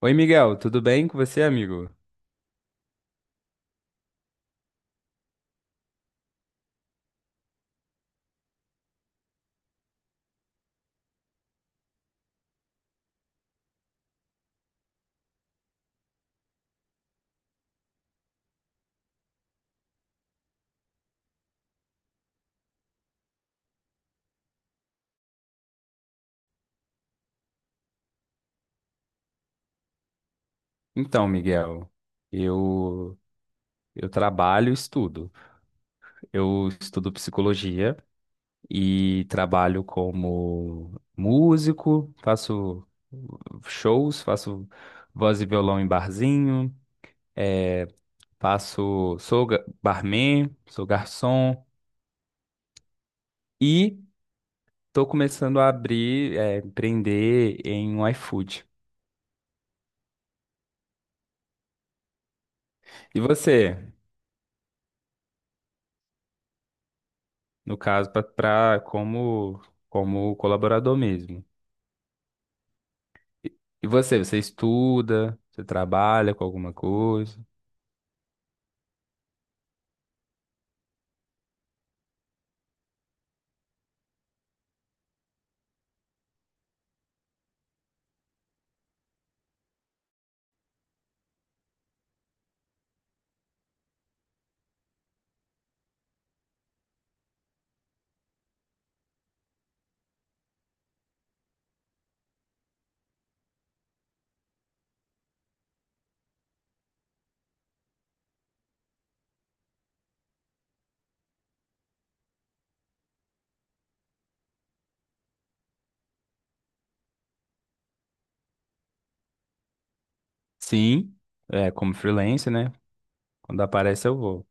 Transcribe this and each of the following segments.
Oi, Miguel, tudo bem com você, amigo? Então, Miguel, eu eu trabalho e estudo. Eu estudo psicologia e trabalho como músico, faço shows, faço voz e violão em barzinho, eh, faço, barman, sou garçom e estou começando a abrir, empreender em um iFood. E você? No caso, para como colaborador mesmo. E você, você estuda, você trabalha com alguma coisa? Sim, é como freelance, né? Quando aparece eu vou.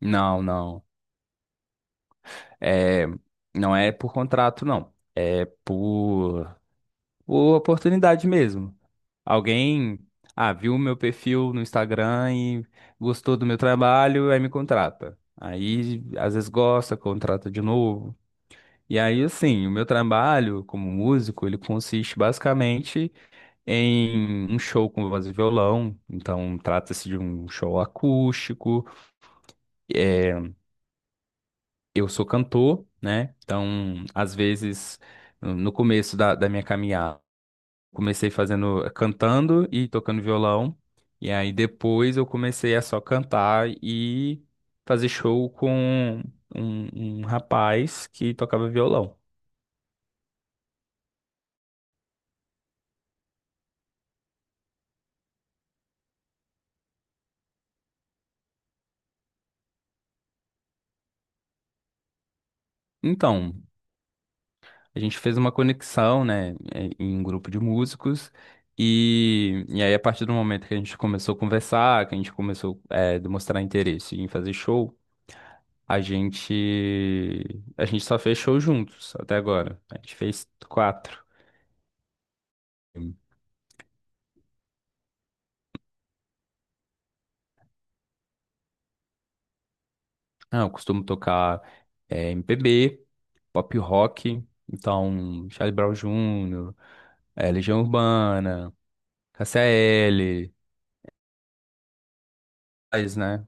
Não, não. É, não é por contrato, não. Por oportunidade mesmo. Alguém, ah, viu meu perfil no Instagram e gostou do meu trabalho, aí me contrata. Aí, às vezes gosta, contrata de novo. E aí, assim, o meu trabalho como músico, ele consiste basicamente em um show com voz e violão. Então, trata-se de um show acústico. É, eu sou cantor, né? Então, às vezes, no começo da minha caminhada, comecei fazendo, cantando e tocando violão. E aí, depois, eu comecei a só cantar e fazer show com um rapaz que tocava violão. Então, a gente fez uma conexão, né, em um grupo de músicos. E aí, a partir do momento que a gente começou a conversar, que a gente começou a demonstrar interesse em fazer show, a gente, a gente só fez show juntos até agora. A gente fez quatro. Ah, eu costumo tocar MPB, pop rock, então Charlie Brown Jr., Legião Urbana, KCL, mas, né?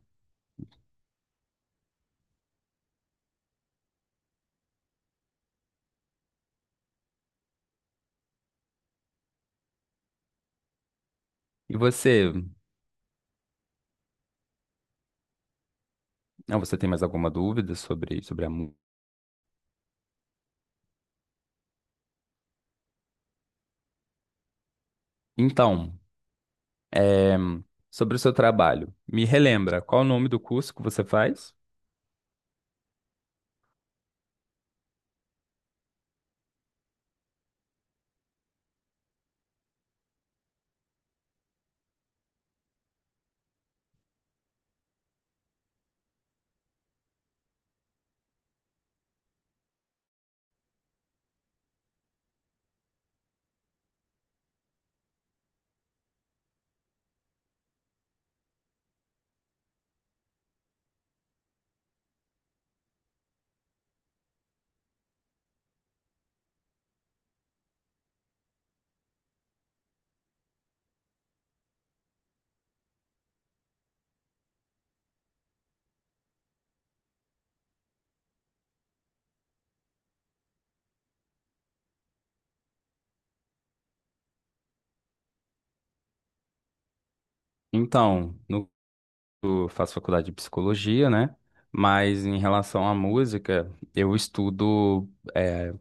E você? Ah, você tem mais alguma dúvida sobre a música? Então, é, sobre o seu trabalho, me relembra, qual o nome do curso que você faz? Então, eu faço faculdade de psicologia, né? Mas em relação à música, eu estudo, é,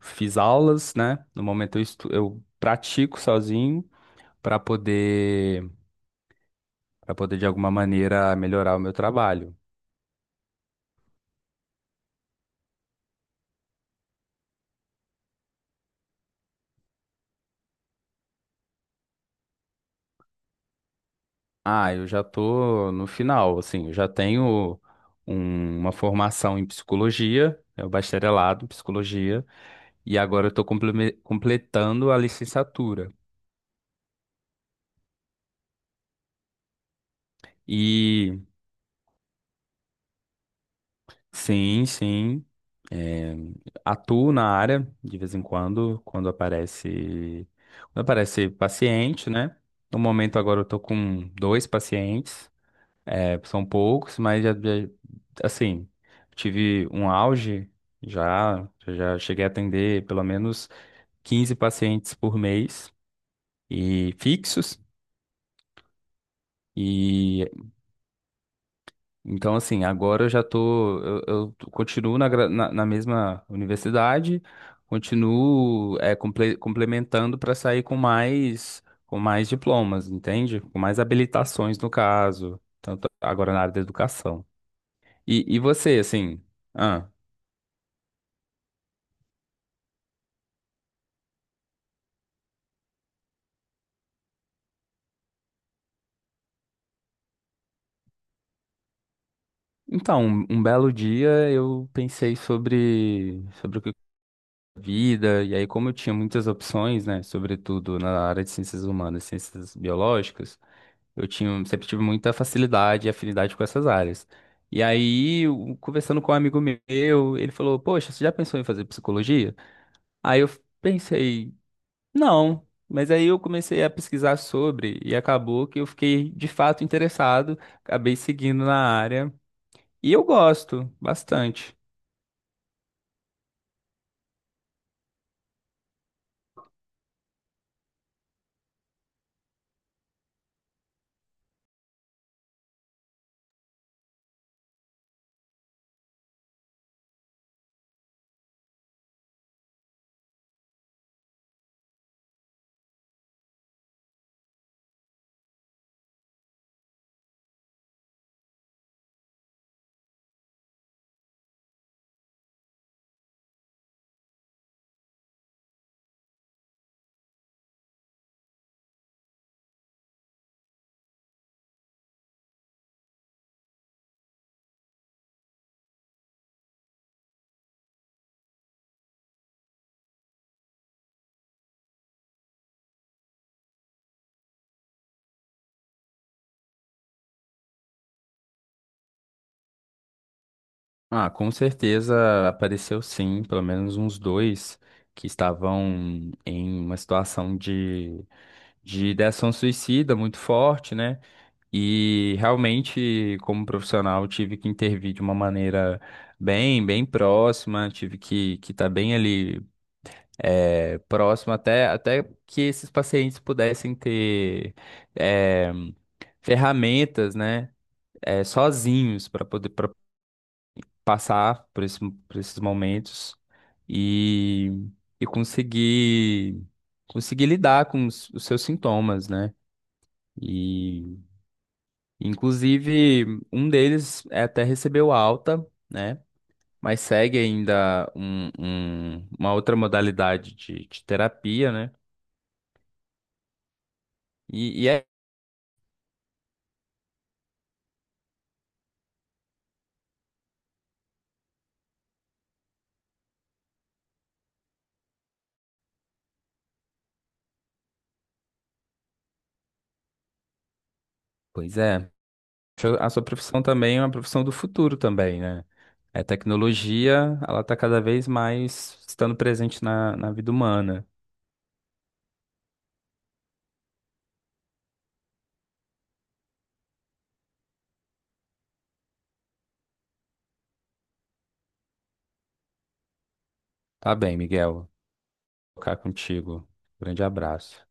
fiz aulas, né? No momento eu pratico sozinho para poder, para poder de alguma maneira melhorar o meu trabalho. Ah, eu já tô no final, assim, eu já tenho uma formação em psicologia, é o bacharelado em psicologia. E agora eu estou completando a licenciatura. E sim, sim, é, atuo na área de vez em quando, quando aparece paciente, né? No momento agora eu estou com dois pacientes, é, são poucos, mas assim, tive um auge já, já cheguei a atender pelo menos 15 pacientes por mês e fixos. E então, assim, agora eu já tô. Eu continuo na, na mesma universidade, continuo é, complementando para sair com mais diplomas, entende? Com mais habilitações, no caso, tanto agora na área da educação. E você, assim. Ah, então, um belo dia eu pensei sobre o que vida, e aí, como eu tinha muitas opções, né, sobretudo na área de ciências humanas, ciências biológicas. Eu tinha, sempre tive muita facilidade e afinidade com essas áreas. E aí, conversando com um amigo meu, ele falou: Poxa, você já pensou em fazer psicologia? Aí eu pensei: Não. Mas aí eu comecei a pesquisar sobre e acabou que eu fiquei de fato interessado, acabei seguindo na área. E eu gosto bastante. Ah, com certeza apareceu sim, pelo menos uns dois que estavam em uma situação de ideação suicida muito forte, né? E realmente, como profissional, tive que intervir de uma maneira bem, bem próxima, tive que estar bem ali é, próximo até que esses pacientes pudessem ter é, ferramentas, né, é, sozinhos para poder pra passar por por esses momentos e, e conseguir lidar com os seus sintomas, né? Inclusive, um deles é, até recebeu alta, né? Mas segue ainda uma outra modalidade de terapia, né? E, e é, pois é, a sua profissão também é uma profissão do futuro também, né? A tecnologia, ela está cada vez mais estando presente na vida humana. Tá bem, Miguel. Vou ficar contigo. Grande abraço.